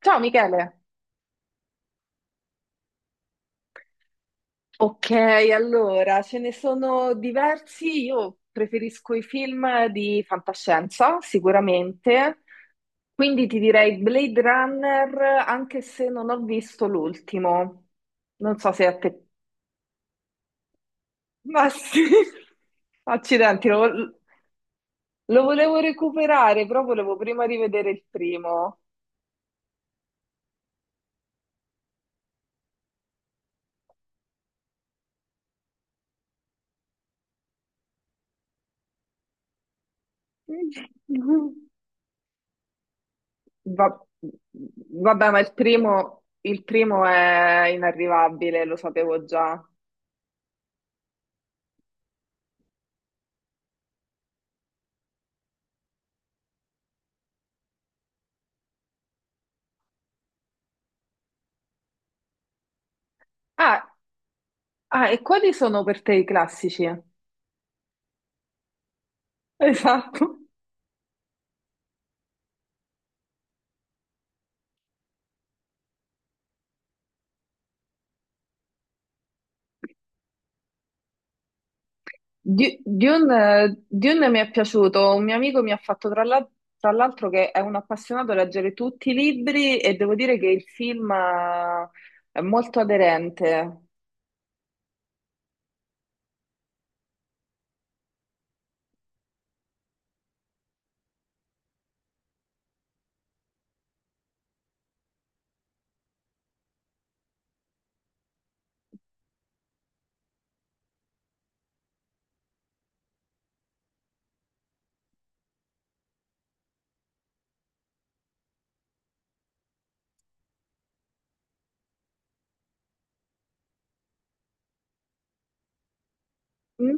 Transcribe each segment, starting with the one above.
Ciao Michele. Ok, allora ce ne sono diversi. Io preferisco i film di fantascienza, sicuramente. Quindi ti direi Blade Runner, anche se non ho visto l'ultimo. Non so se a te. Ma sì, accidenti, lo volevo recuperare, però volevo prima rivedere il primo. Va- Vabbè, ma il primo è inarrivabile, lo sapevo già. Ah, ah, e quali sono per te i classici? Esatto. Dune mi è piaciuto, un mio amico mi ha fatto tra l'altro che è un appassionato a leggere tutti i libri e devo dire che il film è molto aderente.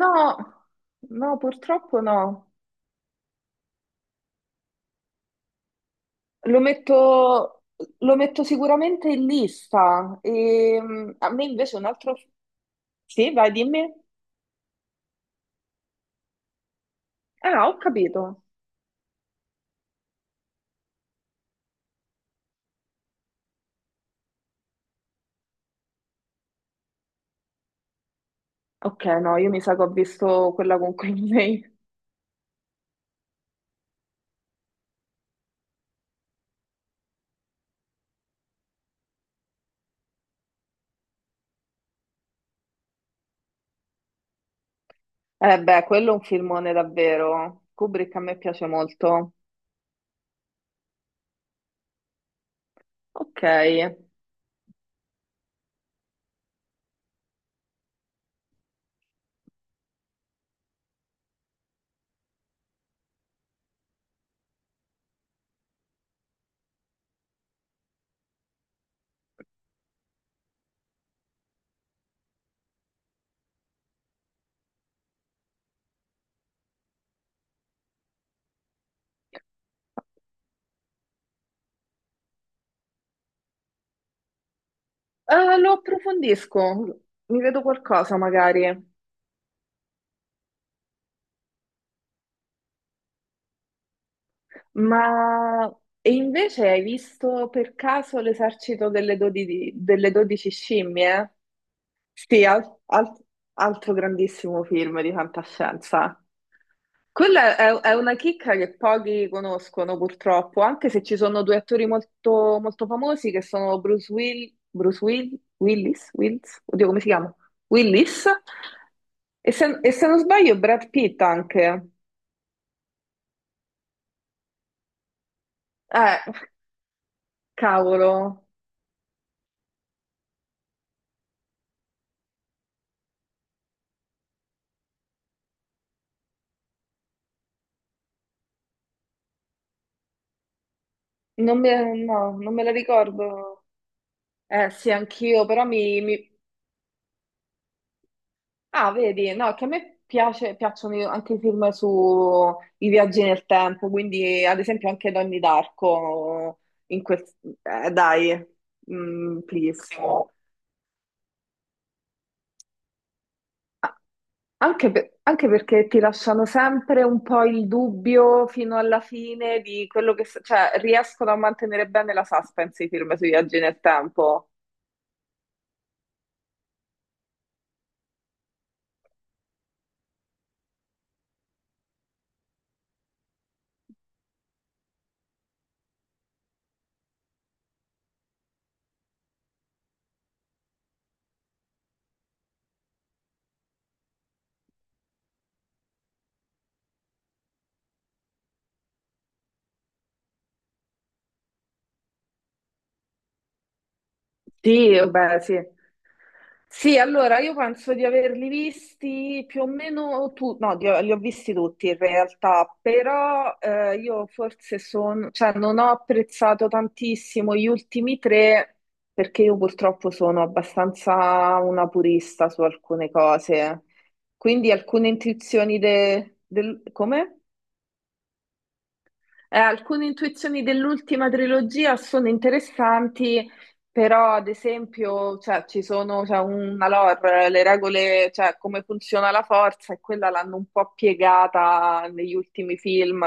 No, no, purtroppo no. Lo metto, lo metto sicuramente in lista. E, a me invece un altro. Sì, vai, dimmi. Ah, ho capito. Ok, no, io mi sa che ho visto quella con Clooney. Eh beh, quello è un filmone davvero. Kubrick a me piace molto. Ok. Lo approfondisco. Mi vedo qualcosa magari. Ma. E invece hai visto per caso l'esercito delle 12 scimmie? Sì, altro grandissimo film di fantascienza. Quella è una chicca che pochi conoscono purtroppo, anche se ci sono due attori molto, molto famosi che sono Willis, Wills? Oddio, come si chiama? Willis. E se non sbaglio Brad Pitt anche. Eh, cavolo, non me, no, non me la ricordo. Eh sì, anch'io, però. Ah, vedi, no, che a me piacciono anche i film sui viaggi nel tempo, quindi ad esempio anche Donnie Darko, in quel. Dai, please. Ah, anche perché ti lasciano sempre un po' il dubbio fino alla fine di quello che, cioè, riescono a mantenere bene la suspense i film sui viaggi nel tempo. Sì, beh, sì. Sì, allora io penso di averli visti più o meno tutti, no, li ho visti tutti in realtà, però io forse sono, cioè non ho apprezzato tantissimo gli ultimi tre perché io purtroppo sono abbastanza una purista su alcune cose, quindi alcune intuizioni del. Come? Alcune intuizioni dell'ultima trilogia sono interessanti, però ad esempio, cioè, ci sono, c'è una lore, le regole, cioè come funziona la forza, e quella l'hanno un po' piegata negli ultimi film,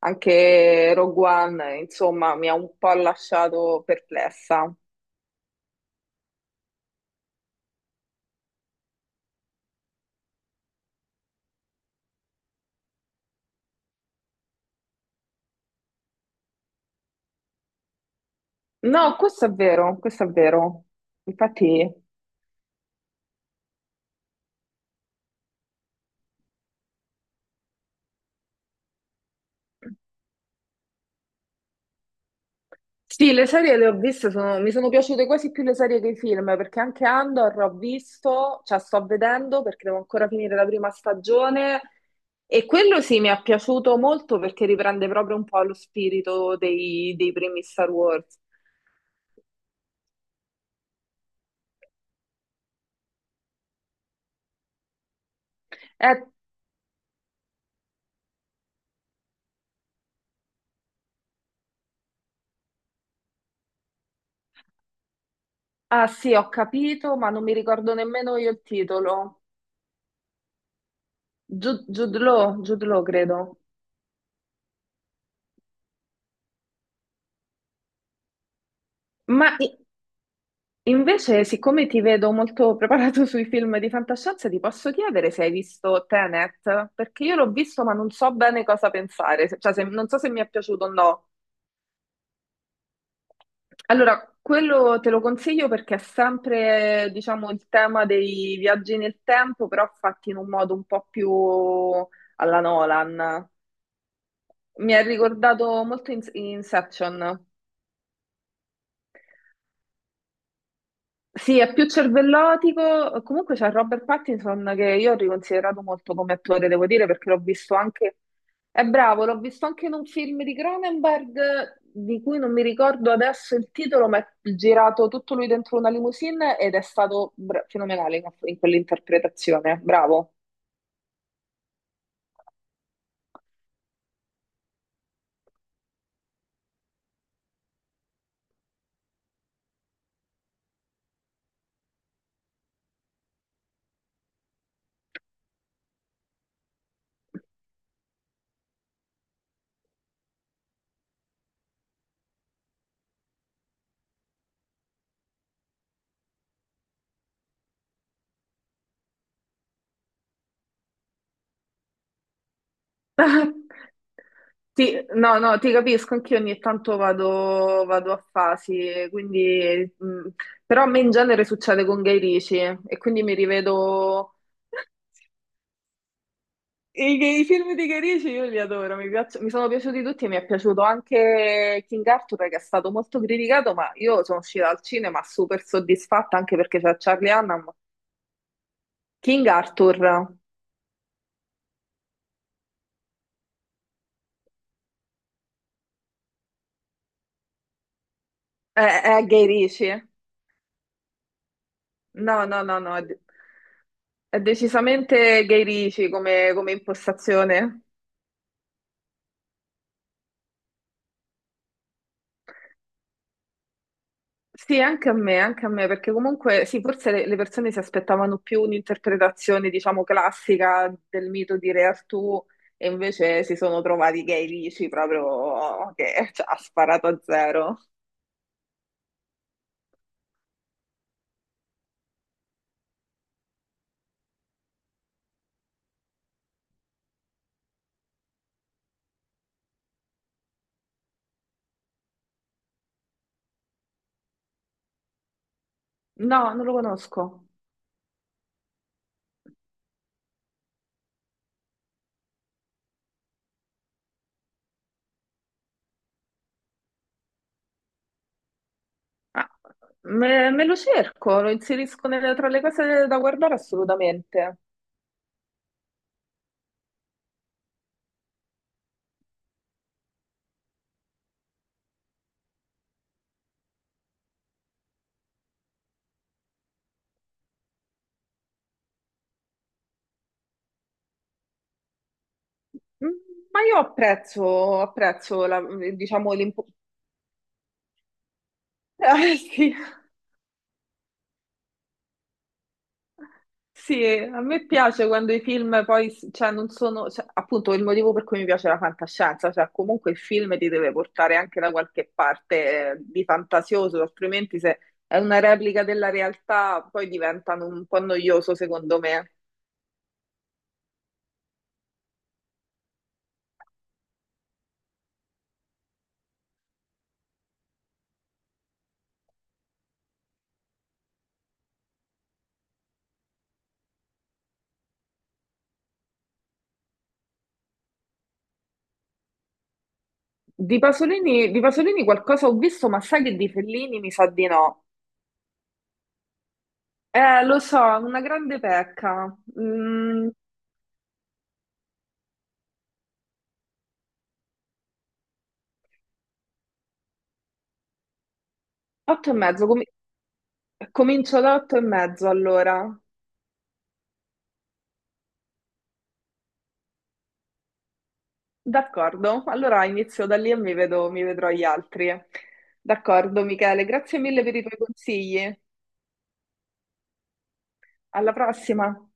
anche Rogue One, insomma, mi ha un po' lasciato perplessa. No, questo è vero, questo è vero. Infatti. Sì, le serie le ho viste, mi sono piaciute quasi più le serie che i film, perché anche Andor ho visto, cioè sto vedendo perché devo ancora finire la prima stagione e quello sì mi è piaciuto molto perché riprende proprio un po' lo spirito dei primi Star Wars. Eh, ah sì, ho capito, ma non mi ricordo nemmeno io il titolo. Jude Law, credo. Ma i- Invece, siccome ti vedo molto preparato sui film di fantascienza, ti posso chiedere se hai visto Tenet? Perché io l'ho visto, ma non so bene cosa pensare, cioè non so se mi è piaciuto o no. Allora, quello te lo consiglio perché è sempre, diciamo, il tema dei viaggi nel tempo, però fatti in un modo un po' più alla Nolan. Mi ha ricordato molto Inception. Sì, è più cervellotico. Comunque c'è Robert Pattinson che io ho riconsiderato molto come attore, devo dire, perché l'ho visto anche. È bravo, l'ho visto anche in un film di Cronenberg di cui non mi ricordo adesso il titolo, ma è girato tutto lui dentro una limousine ed è stato fenomenale in quell'interpretazione. Bravo. Sì, no, no, ti capisco, anch'io ogni tanto vado a fasi, quindi, però a me in genere succede con Guy Ritchie e quindi mi rivedo i film di Guy Ritchie, io li adoro, mi sono piaciuti tutti e mi è piaciuto anche King Arthur che è stato molto criticato, ma io sono uscita al cinema super soddisfatta anche perché c'è Charlie Hunnam. King Arthur è Guy Ritchie? No, no, no, no, è decisamente Guy Ritchie come impostazione. Sì, anche a me, perché comunque sì, forse le persone si aspettavano più un'interpretazione, diciamo, classica del mito di Re Artù e invece si sono trovati gay lisci proprio che cioè, ha sparato a zero. No, non lo conosco. Ah, me lo cerco, lo inserisco tra le cose da guardare assolutamente. Mm, Ma io apprezzo diciamo, l'importanza. Sì, a me piace quando i film poi, cioè, non sono, cioè, appunto, il motivo per cui mi piace la fantascienza, cioè, comunque il film ti deve portare anche da qualche parte, di fantasioso, altrimenti se è una replica della realtà, poi diventano un po' noioso, secondo me. Di Pasolini qualcosa ho visto, ma sai che di Fellini mi sa di no. Lo so, è una grande pecca. Otto e mezzo, comincio da Otto e mezzo allora. D'accordo, allora inizio da lì e mi vedrò gli altri. D'accordo, Michele, grazie mille per i tuoi consigli. Alla prossima.